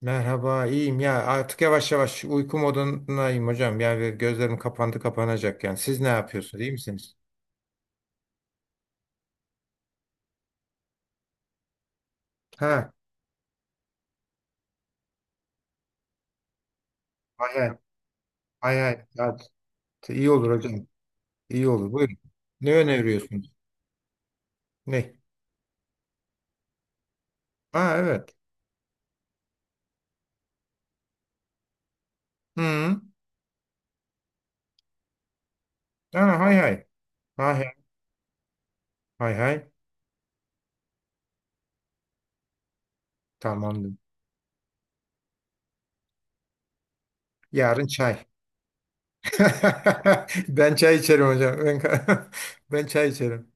Merhaba, iyiyim ya. Artık yavaş yavaş uyku modundayım hocam. Yani gözlerim kapandı kapanacak yani. Siz ne yapıyorsunuz? İyi misiniz? Ha, hay hay. Hay hay. Ya, iyi olur hocam. İyi olur. Buyurun. Ne öneriyorsunuz? Ne? Ha, evet. Hı. Ha, hay hay. Hay hay. Hay hay. Tamamdır. Yarın çay. Ben çay içerim hocam. Ben, ben çay içerim.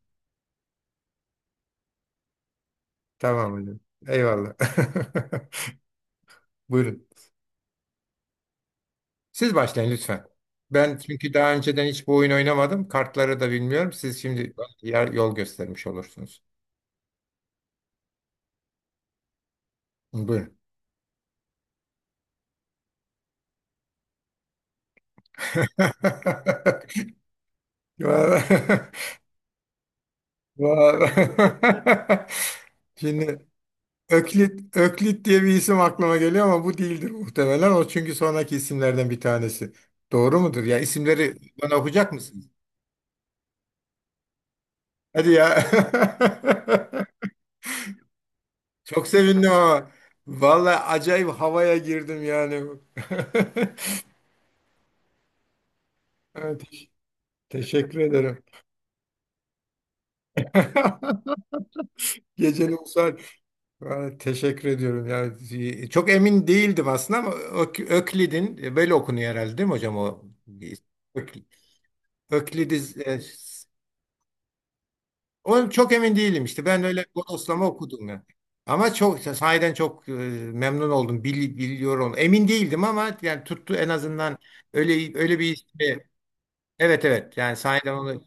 Tamam hocam. Eyvallah. Buyurun. Siz başlayın lütfen. Ben çünkü daha önceden hiç bu oyun oynamadım. Kartları da bilmiyorum. Siz şimdi bana yol göstermiş olursunuz. Buyurun. Vallahi- vallahi- Şimdi Öklit, Öklit diye bir isim aklıma geliyor ama bu değildir muhtemelen. O çünkü sonraki isimlerden bir tanesi. Doğru mudur? Ya isimleri bana okuyacak mısınız? Hadi ya. Çok sevindim ama. Vallahi acayip havaya girdim yani. Evet, teşekkür ederim. Geceli Uysal, yani teşekkür ediyorum. Yani çok emin değildim aslında ama Öklid'in böyle okunuyor herhalde değil mi hocam o? Ök, Öklidiz o çok emin değilim işte. Ben öyle bodoslama okudum ya. Ama çok sahiden çok memnun oldum. Biliyorum. Emin değildim ama yani tuttu en azından öyle öyle bir ismi. Evet, evet. Yani sahiden onu.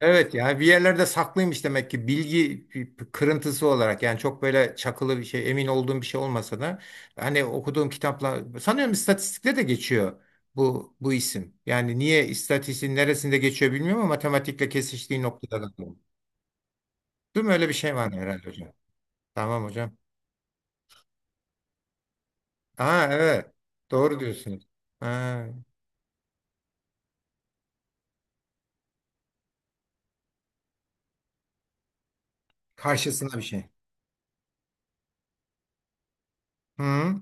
Evet ya, bir yerlerde saklıymış demek ki bilgi kırıntısı olarak, yani çok böyle çakılı bir şey, emin olduğum bir şey olmasa da hani okuduğum kitapla sanıyorum istatistikte de geçiyor bu isim. Yani niye istatistiğin neresinde geçiyor bilmiyorum ama matematikle kesiştiği noktada da. Değil mi? Öyle bir şey var herhalde hocam. Tamam hocam. Ha, evet. Doğru diyorsunuz. Ha, karşısına bir şey. Hı.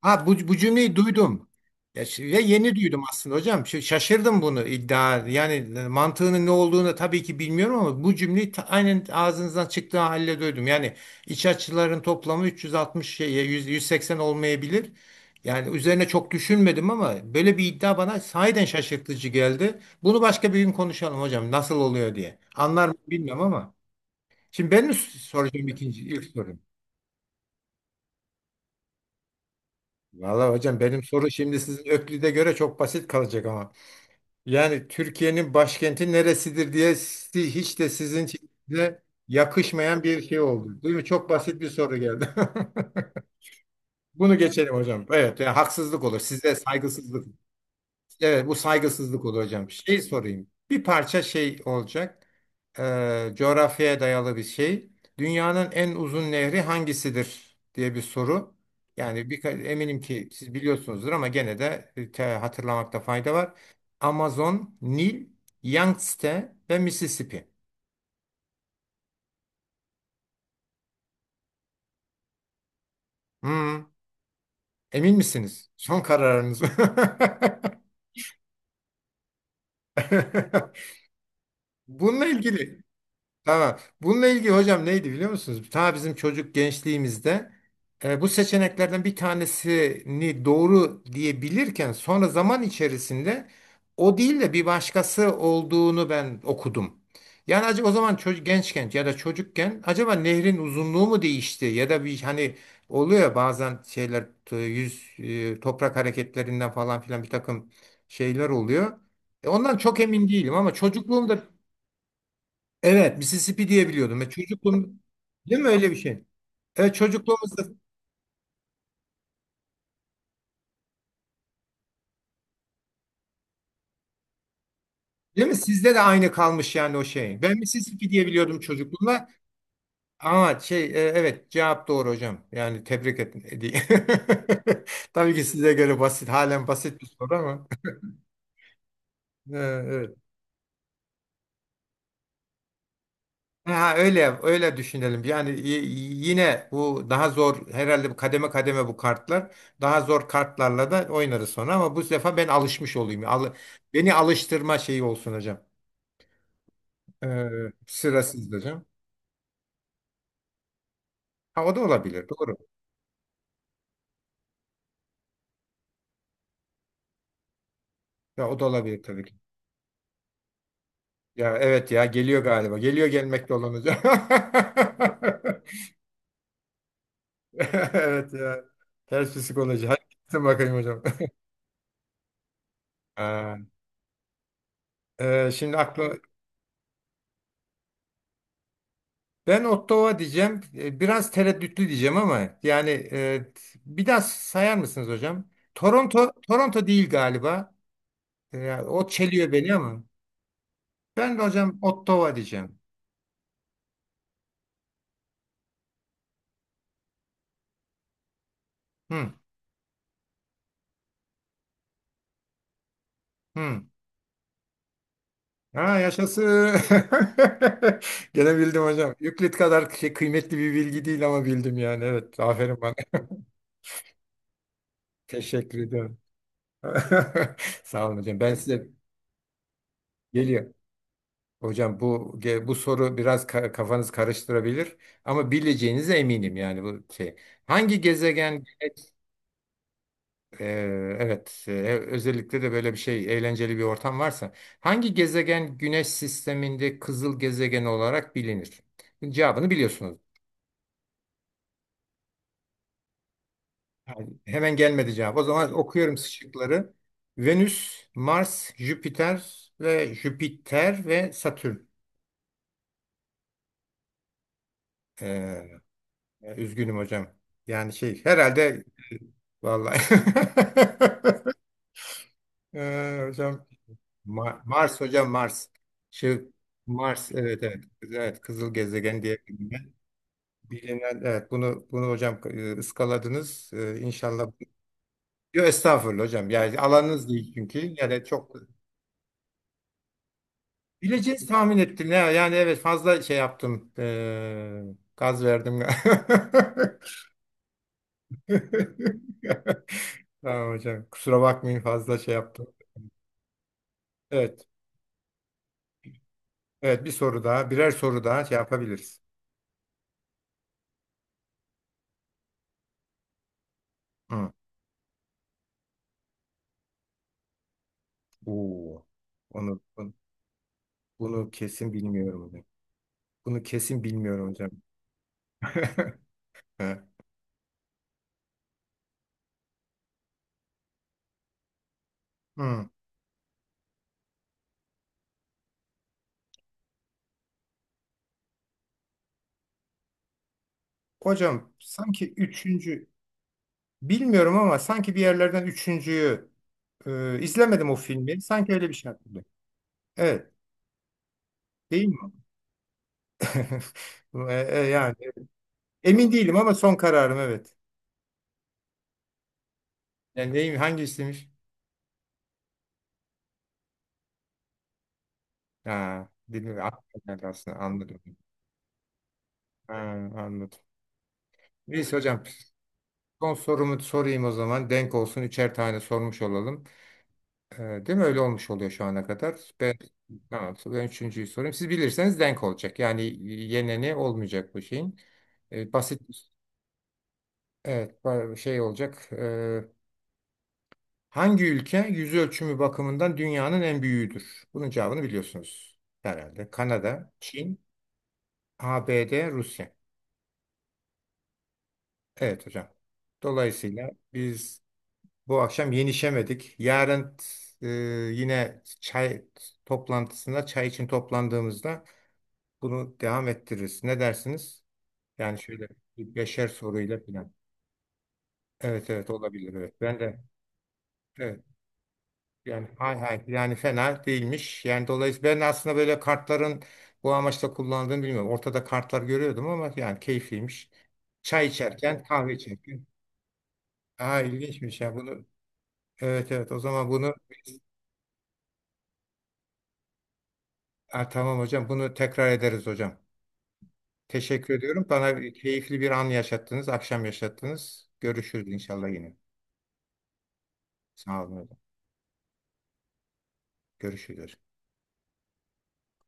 Ha, bu cümleyi duydum. Ya, ve yeni duydum aslında hocam. Şaşırdım bunu iddia. Yani mantığının ne olduğunu tabii ki bilmiyorum ama bu cümleyi aynen ağzınızdan çıktığı halde duydum. Yani iç açıların toplamı 360 şey ya, 100 180 olmayabilir. Yani üzerine çok düşünmedim ama böyle bir iddia bana sahiden şaşırtıcı geldi. Bunu başka bir gün konuşalım hocam. Nasıl oluyor diye. Anlar mı bilmiyorum ama. Şimdi benim soracağım ikinci ilk sorum. Valla hocam benim soru şimdi sizin Öklid'e göre çok basit kalacak ama. Yani Türkiye'nin başkenti neresidir diye hiç de sizin size yakışmayan bir şey oldu. Değil mi? Çok basit bir soru geldi. Bunu geçelim hocam. Evet, yani haksızlık olur. Size saygısızlık. Evet, bu saygısızlık olur hocam. Şey sorayım. Bir parça şey olacak, coğrafyaya dayalı bir şey. Dünyanın en uzun nehri hangisidir diye bir soru. Yani eminim ki siz biliyorsunuzdur ama gene de hatırlamakta fayda var. Amazon, Nil, Yangtze ve Mississippi. Hmm, emin misiniz? Son kararınız mı? Bununla ilgili. Tamam. Bununla ilgili hocam neydi biliyor musunuz? Ta bizim çocuk gençliğimizde bu seçeneklerden bir tanesini doğru diyebilirken sonra zaman içerisinde o değil de bir başkası olduğunu ben okudum. Yani acaba o zaman çocuk gençken ya da çocukken acaba nehrin uzunluğu mu değişti ya da bir hani oluyor ya bazen şeyler yüz toprak hareketlerinden falan filan bir takım şeyler oluyor. Ondan çok emin değilim ama çocukluğumda. Evet, Mississippi diye biliyordum. Ve çocukluğum, değil mi öyle bir şey? Evet, çocukluğumuzda, değil mi? Sizde de aynı kalmış yani o şey. Ben Mississippi diye biliyordum çocukluğumda. Ama şey, evet, cevap doğru hocam. Yani tebrik ettim. Tabii ki size göre basit, halen basit bir soru ama. Evet. Ha, öyle öyle düşünelim. Yani yine bu daha zor herhalde bu kademe kademe bu kartlar. Daha zor kartlarla da oynarız sonra ama bu sefer ben alışmış olayım. Beni alıştırma şeyi olsun hocam. Ee, sıra sizde hocam. Ha, o da olabilir. Doğru. Ya, o da olabilir tabii ki. Ya evet, ya geliyor galiba. Geliyor, gelmekte olan hocam. Evet ya. Ters psikoloji. Hadi gitsin bakayım hocam. Ha, şimdi aklı ben Ottawa diyeceğim. Biraz tereddütlü diyeceğim ama yani bir daha sayar mısınız hocam? Toronto, Toronto değil galiba. E, o çeliyor beni ama. Ben de hocam Ottawa diyeceğim. Hı, hı. Ha, yaşasın. Gene bildim hocam. Euclid kadar şey, kıymetli bir bilgi değil ama bildim yani. Evet, aferin bana. Teşekkür ediyorum. Sağ olun hocam. Ben size geliyor. Hocam bu bu soru biraz kafanız karıştırabilir ama bileceğinize eminim yani bu şey. Hangi gezegen Ee, evet, özellikle de böyle bir şey eğlenceli bir ortam varsa hangi gezegen Güneş sisteminde kızıl gezegen olarak bilinir? Cevabını biliyorsunuz. Hemen gelmedi cevap. O zaman okuyorum şıkları. Venüs, Mars, Jüpiter ve Satürn. Ee, üzgünüm hocam. Yani şey herhalde vallahi. Hocam Mars hocam, Mars. Şey, Mars, evet evet. Evet, kızıl gezegen diye bilinen. Bilinen, evet, bunu hocam ıskaladınız. İnşallah. Yo, estağfurullah hocam. Yani alanınız değil çünkü. Yani çok bileceğiz tahmin ettim ya. Yani evet fazla şey yaptım. Gaz verdim. Tamam hocam. Kusura bakmayın fazla şey yaptım. Evet. Evet, bir soru daha. Birer soru daha şey yapabiliriz. Hı. Oo. Onu, bunu kesin bilmiyorum hocam. Bunu kesin bilmiyorum hocam. He. Hı. Hocam, sanki üçüncü bilmiyorum ama sanki bir yerlerden üçüncüyü izlemedim o filmi. Sanki öyle bir şey hatırlıyorum. Evet. Değil mi? Yani emin değilim ama son kararım evet. Yani neyim hangi istemiş? Ha, bilmiyorum. Aklıma geldi. Aslında anladım. Ha, anladım. Neyse hocam, son sorumu sorayım o zaman. Denk olsun, üçer tane sormuş olalım. E, değil mi? Öyle olmuş oluyor şu ana kadar. Ben, tamam, ben üçüncüyü sorayım. Siz bilirseniz denk olacak. Yani yeneni olmayacak bu şeyin. E, basit, evet, şey olacak. E, hangi ülke yüz ölçümü bakımından dünyanın en büyüğüdür? Bunun cevabını biliyorsunuz herhalde. Kanada, Çin, ABD, Rusya. Evet hocam. Dolayısıyla biz bu akşam yenişemedik. Yarın e, yine çay toplantısında, çay için toplandığımızda bunu devam ettiririz. Ne dersiniz? Yani şöyle bir beşer soruyla falan. Evet evet, olabilir. Evet. Ben de evet. Yani hay hay, yani fena değilmiş. Yani dolayısıyla ben aslında böyle kartların bu amaçla kullandığını bilmiyorum. Ortada kartlar görüyordum ama yani keyifliymiş. Çay içerken, kahve içerken. Aa, ilginçmiş ya bunu. Evet evet, o zaman bunu. Ha, tamam hocam, bunu tekrar ederiz hocam. Teşekkür ediyorum. Bana keyifli bir an yaşattınız, akşam yaşattınız. Görüşürüz inşallah yine. Sağ olun hocam. Görüşürüz.